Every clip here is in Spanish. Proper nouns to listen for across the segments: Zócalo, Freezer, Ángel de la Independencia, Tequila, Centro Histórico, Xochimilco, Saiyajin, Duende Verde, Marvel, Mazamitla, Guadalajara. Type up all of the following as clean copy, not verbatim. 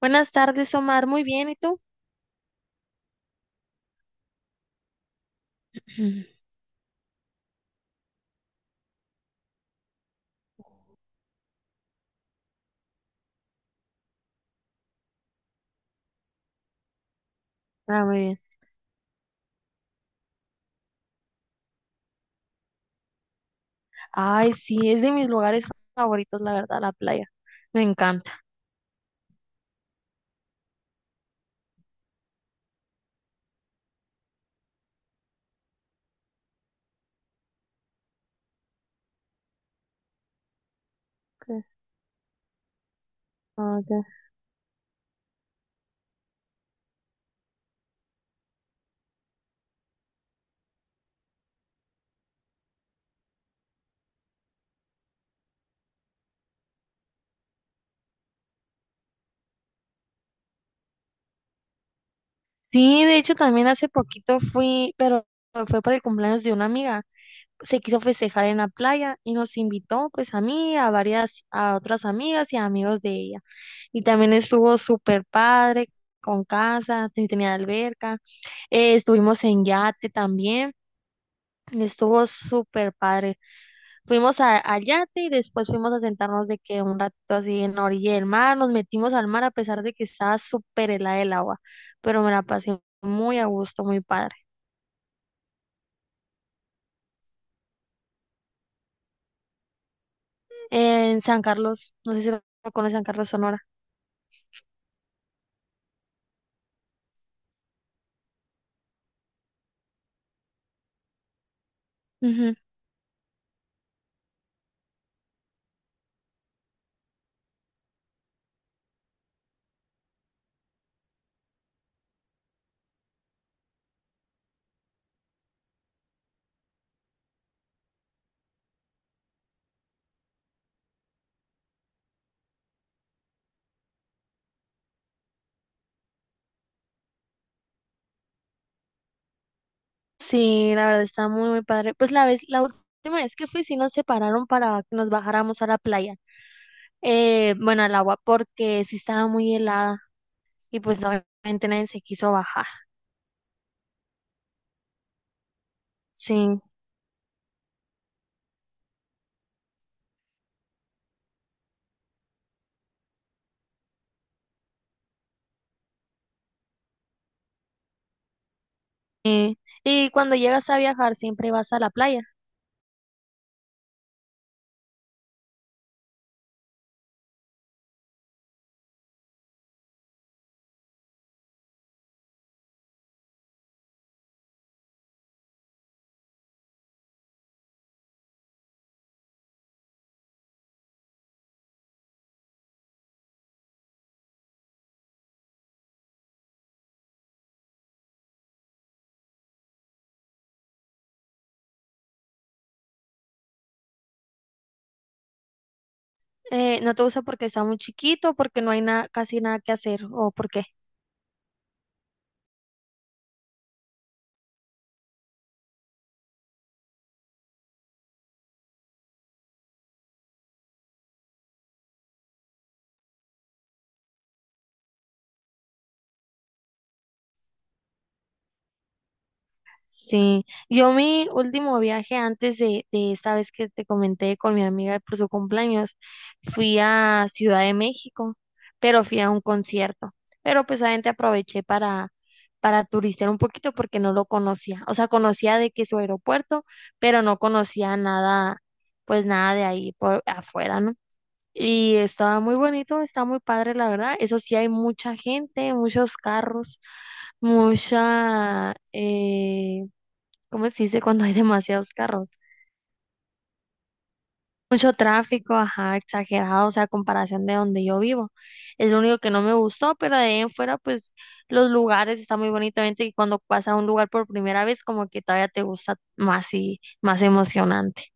Buenas tardes, Omar. Muy bien, ¿y tú? Ujú. Ah, muy bien. Ay, sí, es de mis lugares favoritos, la verdad, la playa. Me encanta. Ok, ah, ok. Sí, de hecho, también hace poquito fui, pero fue para el cumpleaños de una amiga. Se quiso festejar en la playa y nos invitó, pues, a mí, a varias, a otras amigas y amigos de ella. Y también estuvo súper padre, con casa, tenía alberca. Estuvimos en yate también. Estuvo súper padre. Fuimos al yate y después fuimos a sentarnos de que un ratito así en la orilla del mar, nos metimos al mar a pesar de que estaba súper helada el agua, pero me la pasé muy a gusto, muy padre. En San Carlos, no sé si lo conoces, San Carlos, Sonora. Ujú. Sí, la verdad está muy, muy padre. Pues la vez, la última vez que fui, sí nos separaron para que nos bajáramos a la playa, bueno, al agua, porque sí estaba muy helada y pues obviamente nadie se quiso bajar. Sí. eh, Y cuando llegas a viajar, siempre vas a la playa. ¿No te gusta porque está muy chiquito, porque no hay nada, casi nada que hacer o ¿por qué? Sí, yo mi último viaje antes de esta vez que te comenté con mi amiga por su cumpleaños, fui a Ciudad de México, pero fui a un concierto, pero pues obviamente aproveché para turistear un poquito porque no lo conocía, o sea, conocía de que su aeropuerto, pero no conocía nada, pues nada de ahí por afuera, ¿no? Y estaba muy bonito, está muy padre, la verdad. Eso sí, hay mucha gente, muchos carros, mucha, ¿cómo se dice cuando hay demasiados carros? Mucho tráfico, ajá, exagerado, o sea, a comparación de donde yo vivo. Es lo único que no me gustó, pero de ahí en fuera, pues los lugares están muy bonitamente y cuando vas a un lugar por primera vez, como que todavía te gusta más y más emocionante.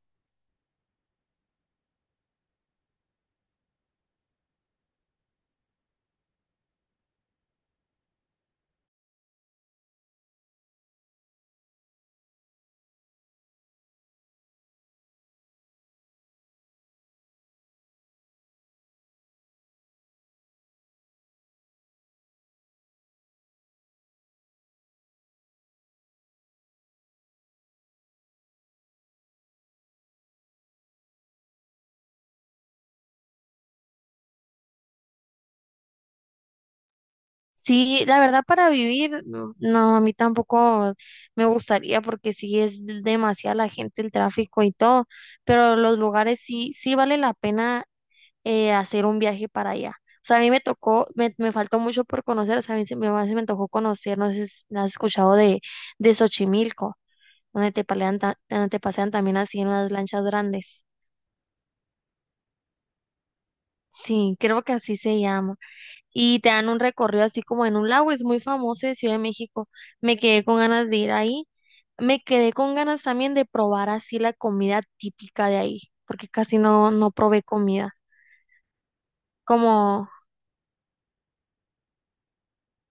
Sí, la verdad para vivir, no, no, a mí tampoco me gustaría porque sí es demasiada la gente, el tráfico y todo, pero los lugares sí, sí vale la pena hacer un viaje para allá. O sea, a mí me tocó, me faltó mucho por conocer, o sea, a mí se me tocó conocer, no sé si has escuchado de Xochimilco, donde te donde te pasean también así en las lanchas grandes. Sí, creo que así se llama. Y te dan un recorrido así como en un lago, es muy famoso de Ciudad de México. Me quedé con ganas de ir ahí. Me quedé con ganas también de probar así la comida típica de ahí, porque casi no probé comida, como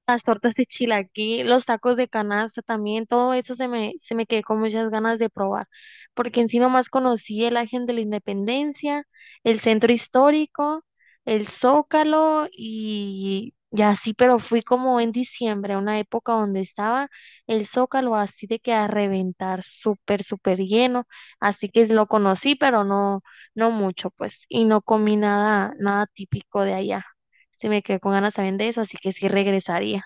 las tortas de chilaquil, los tacos de canasta también, todo eso se me quedó con muchas ganas de probar, porque encima más conocí el Ángel de la Independencia, el Centro Histórico, el Zócalo y así, pero fui como en diciembre, una época donde estaba el Zócalo así de que a reventar, súper, súper lleno, así que lo conocí, pero no, no mucho, pues, y no comí nada, nada típico de allá. Se me quedó con ganas también de eso, así que sí regresaría.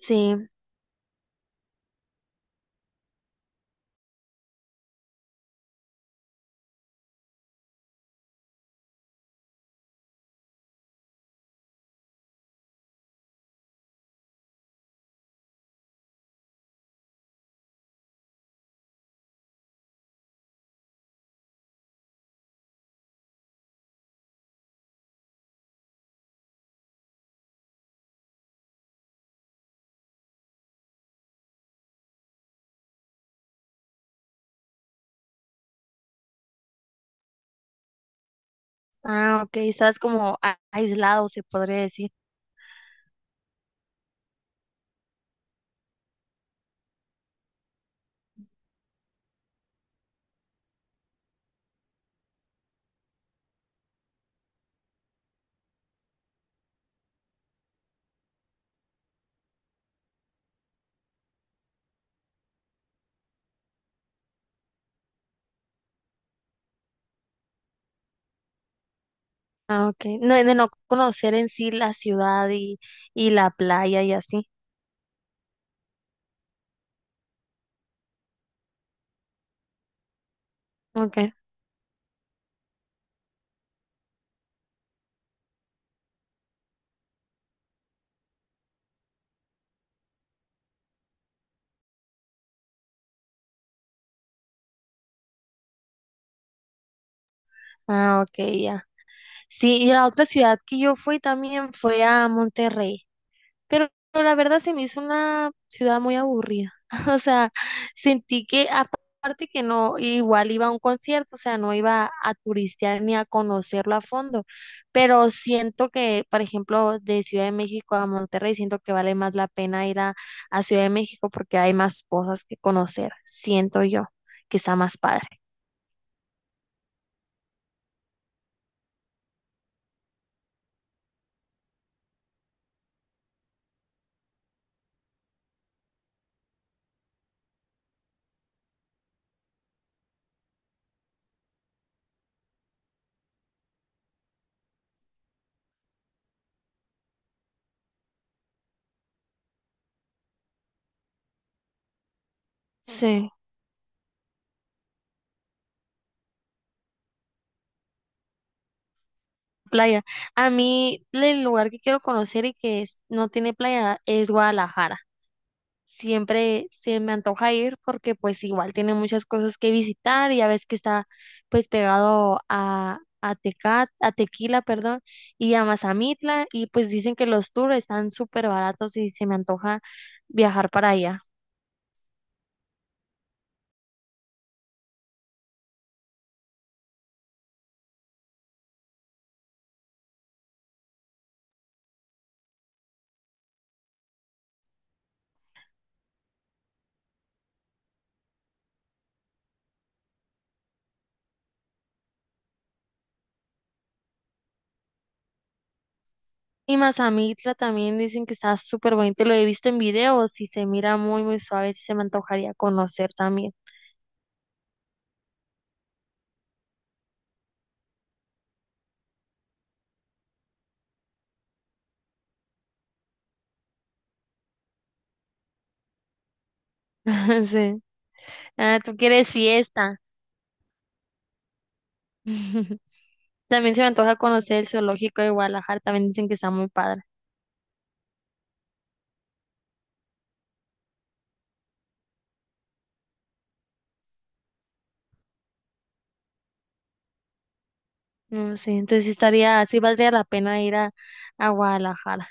Sí. Ah, ok. Estás como aislado, se podría decir. Ah, ok. No, de no conocer en sí la ciudad y la playa y así. Ok. Ah, ok, ya. Sí, y la otra ciudad que yo fui también fue a Monterrey. Pero la verdad se me hizo una ciudad muy aburrida. O sea, sentí que aparte que no, igual iba a un concierto, o sea, no iba a turistear ni a conocerlo a fondo. Pero siento que, por ejemplo, de Ciudad de México a Monterrey, siento que vale más la pena ir a Ciudad de México porque hay más cosas que conocer. Siento yo que está más padre. Sí. Playa. A mí, el lugar que quiero conocer y que no tiene playa es Guadalajara. Siempre se me antoja ir porque pues igual tiene muchas cosas que visitar y ya ves que está pues pegado a Tecat, a Tequila, perdón, y a Mazamitla y pues dicen que los tours están súper baratos y se me antoja viajar para allá. Y Mazamitla también dicen que está súper bonito, lo he visto en videos y se mira muy muy suave, sí se me antojaría conocer también. Sí. Ah, tú quieres fiesta. También se me antoja conocer el zoológico de Guadalajara, también dicen que está muy padre. No sé, entonces sí estaría, sí valdría la pena ir a Guadalajara.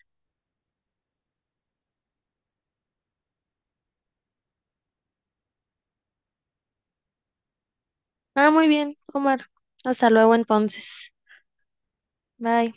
Ah, muy bien, Omar. Hasta luego entonces. Bye.